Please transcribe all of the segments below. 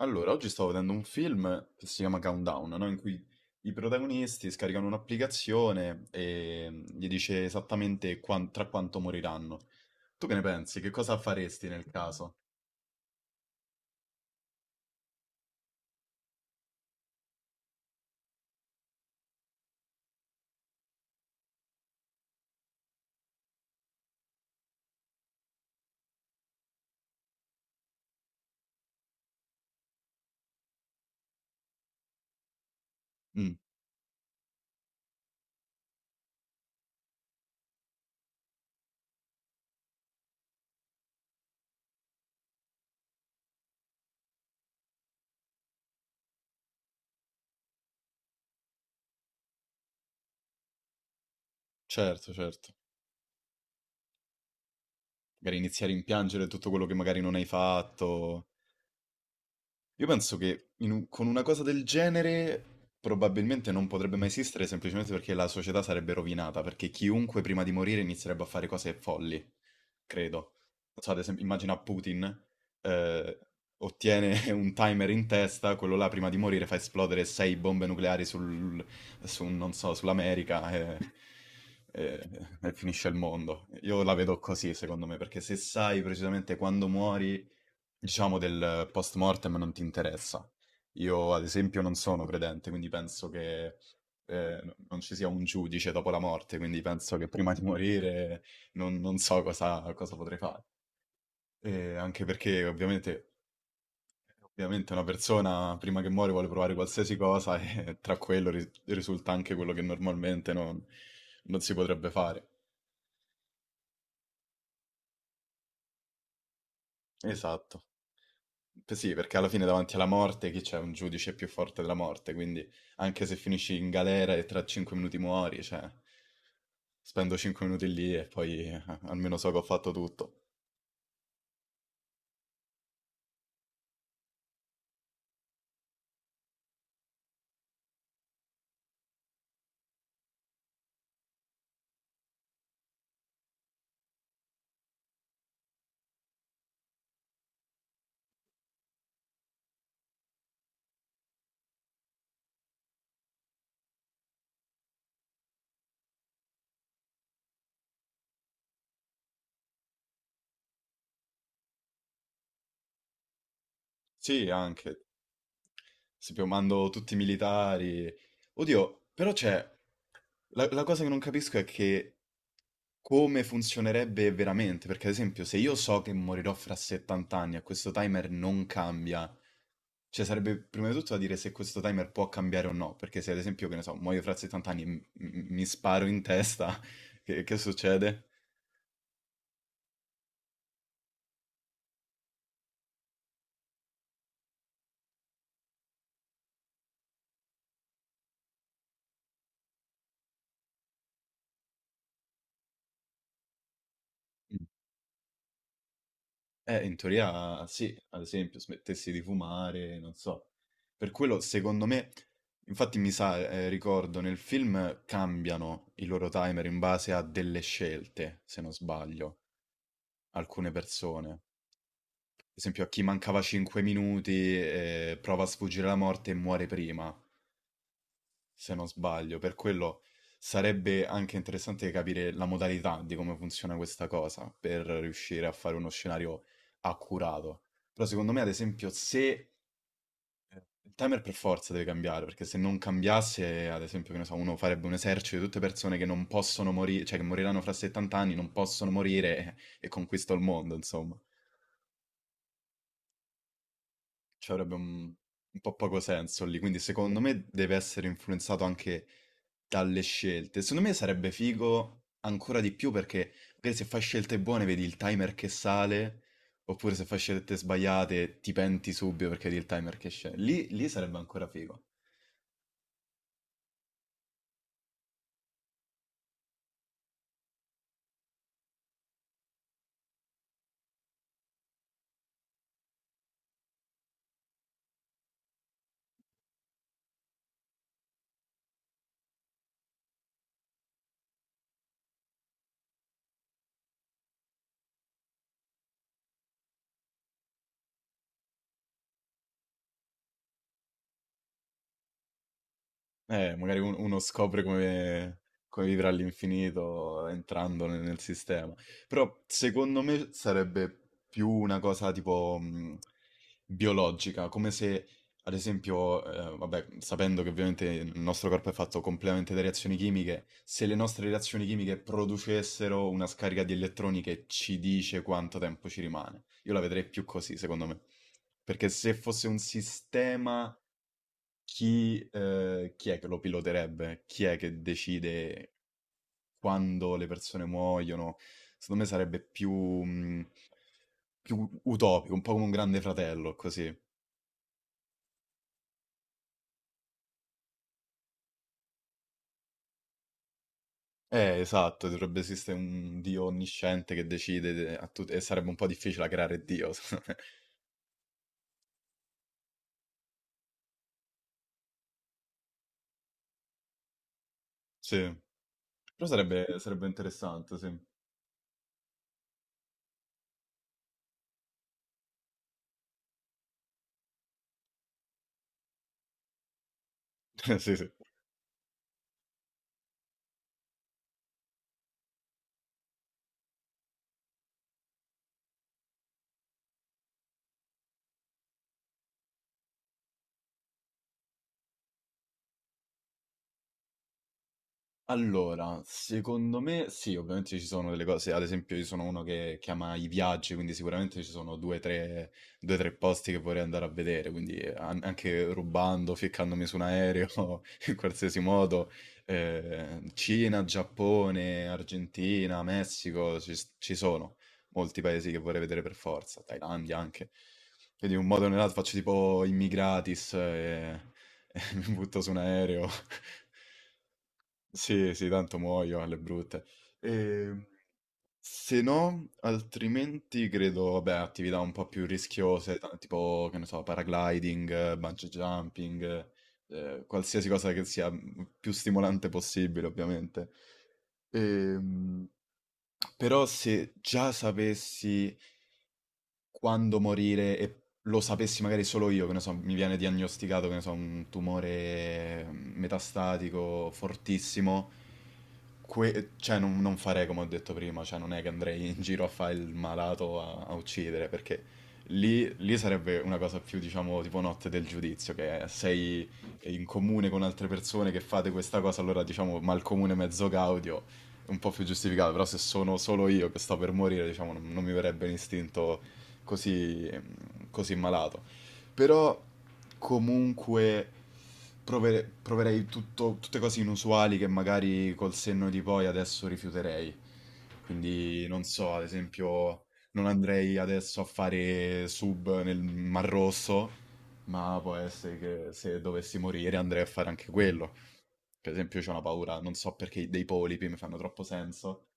Allora, oggi stavo vedendo un film che si chiama Countdown, no? In cui i protagonisti scaricano un'applicazione e gli dice esattamente tra quanto moriranno. Tu che ne pensi? Che cosa faresti nel caso? Mm, certo, certo. Magari iniziare a rimpiangere tutto quello che magari non hai fatto. Io penso che con una cosa del genere probabilmente non potrebbe mai esistere semplicemente perché la società sarebbe rovinata, perché chiunque prima di morire inizierebbe a fare cose folli, credo. Non so, ad esempio, immagina Putin, eh, ottiene un timer in testa, quello là prima di morire fa esplodere sei bombe nucleari su, non so, sull'America e- e finisce il mondo. Io la vedo così, secondo me, perché se sai precisamente quando muori diciamo, del post mortem non ti interessa. Io, ad esempio, non sono credente, quindi penso che non ci sia un giudice dopo la morte, quindi penso che prima di morire non so cosa potrei fare. E anche perché, ovviamente, ovviamente una persona prima che muore vuole provare qualsiasi cosa e tra quello risulta anche quello che normalmente non si potrebbe fare. Esatto. Sì, perché alla fine davanti alla morte chi c'è? Un giudice più forte della morte, quindi anche se finisci in galera e tra 5 minuti muori, cioè, spendo 5 minuti lì e poi almeno so che ho fatto tutto. Sì, anche, se più mando tutti i militari. Oddio, la cosa che non capisco è che come funzionerebbe veramente, perché ad esempio se io so che morirò fra 70 anni e questo timer non cambia. Cioè, sarebbe prima di tutto da dire se questo timer può cambiare o no, perché se ad esempio, che ne so, muoio fra 70 anni e mi sparo in testa, che succede? Mm. In teoria sì, ad esempio, smettessi di fumare, non so. Per quello, secondo me, infatti mi sa, ricordo, nel film cambiano i loro timer in base a delle scelte, se non sbaglio, alcune persone. Ad esempio, a chi mancava 5 minuti, prova a sfuggire alla morte e muore prima. Se non sbaglio, per quello sarebbe anche interessante capire la modalità di come funziona questa cosa per riuscire a fare uno scenario accurato. Però secondo me, ad esempio, se il timer per forza deve cambiare, perché se non cambiasse, ad esempio, che ne so, uno farebbe un esercito di tutte persone che non possono morire, cioè che moriranno fra 70 anni, non possono morire e conquista il mondo, insomma. Ci avrebbe un, un po' poco senso lì, quindi secondo me deve essere influenzato anche dalle scelte. Secondo me sarebbe figo ancora di più perché magari se fai scelte buone vedi il timer che sale, oppure se fai scelte sbagliate ti penti subito perché vedi il timer che scende. Lì sarebbe ancora figo. Magari uno scopre come vivere all'infinito entrando nel sistema. Però secondo me sarebbe più una cosa tipo biologica, come se, ad esempio, vabbè, sapendo che ovviamente il nostro corpo è fatto completamente da reazioni chimiche, se le nostre reazioni chimiche producessero una scarica di elettroni che ci dice quanto tempo ci rimane. Io la vedrei più così, secondo me. Perché se fosse un sistema chi è che lo piloterebbe? Chi è che decide quando le persone muoiono? Secondo me sarebbe più, più utopico, un po' come un grande fratello, così. Esatto, dovrebbe esistere un Dio onnisciente che decide a tutti, e sarebbe un po' difficile creare Dio, secondo me. Sì, però sarebbe interessante, sì. Sì, sì. Allora, secondo me sì, ovviamente ci sono delle cose, ad esempio io sono uno che ama i viaggi, quindi sicuramente ci sono due o tre, due, tre posti che vorrei andare a vedere, quindi anche rubando, ficcandomi su un aereo, in qualsiasi modo, Cina, Giappone, Argentina, Messico, ci sono molti paesi che vorrei vedere per forza, Thailandia anche, quindi in un modo o nell'altro faccio tipo immigratis e mi butto su un aereo. Sì, sì, tanto muoio alle brutte. Ehm, se no, altrimenti credo, vabbè, attività un po' più rischiose, tipo, che ne so, paragliding, bungee jumping, qualsiasi cosa che sia più stimolante possibile, ovviamente. Ehm, però se già sapessi quando morire e lo sapessi magari solo io, che ne so, mi viene diagnosticato, che ne so, un tumore metastatico fortissimo, cioè non farei come ho detto prima, cioè non è che andrei in giro a fare il malato a uccidere, perché lì sarebbe una cosa più, diciamo, tipo notte del giudizio, che sei in comune con altre persone che fate questa cosa, allora diciamo malcomune mezzo gaudio, è un po' più giustificato, però se sono solo io che sto per morire, diciamo, non mi verrebbe l'istinto così, così malato. Però comunque proverei tutte cose inusuali che magari col senno di poi adesso rifiuterei. Quindi non so, ad esempio, non andrei adesso a fare sub nel Mar Rosso, ma può essere che se dovessi morire andrei a fare anche quello. Per esempio, c'ho una paura, non so perché dei polipi mi fanno troppo senso,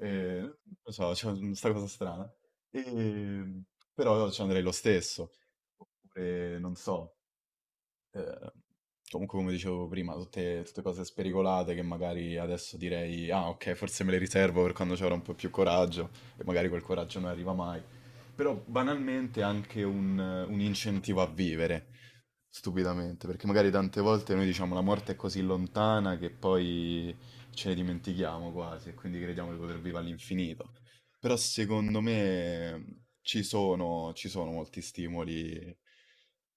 e, non lo so, c'è questa cosa strana. E, però ci andrei lo stesso. Oppure, non so. Ehm, comunque come dicevo prima, tutte cose spericolate che magari adesso direi, ah ok, forse me le riservo per quando ci avrò un po' più coraggio e magari quel coraggio non arriva mai. Però banalmente anche un incentivo a vivere, stupidamente, perché magari tante volte noi diciamo la morte è così lontana che poi ce ne dimentichiamo quasi e quindi crediamo di poter vivere all'infinito. Però secondo me ci sono molti stimoli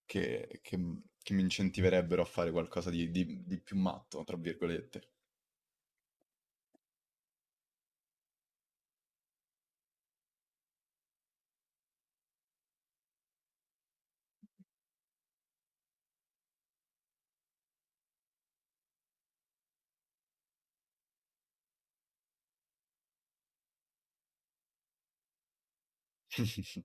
che mi incentiverebbero a fare qualcosa di più matto, tra virgolette.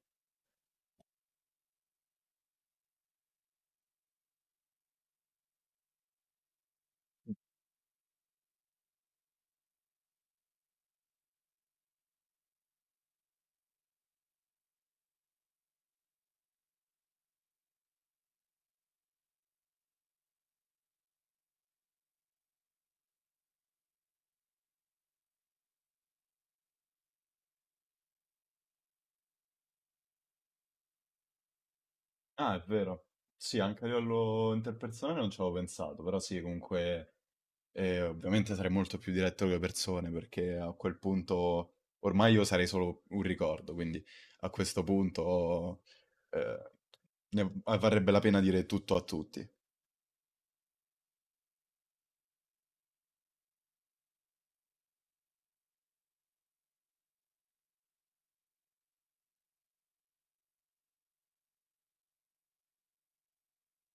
Ah, è vero. Sì, anche a livello interpersonale non ci avevo pensato, però sì, comunque ovviamente sarei molto più diretto con le persone perché a quel punto ormai io sarei solo un ricordo, quindi a questo punto eh, ne varrebbe la pena dire tutto a tutti.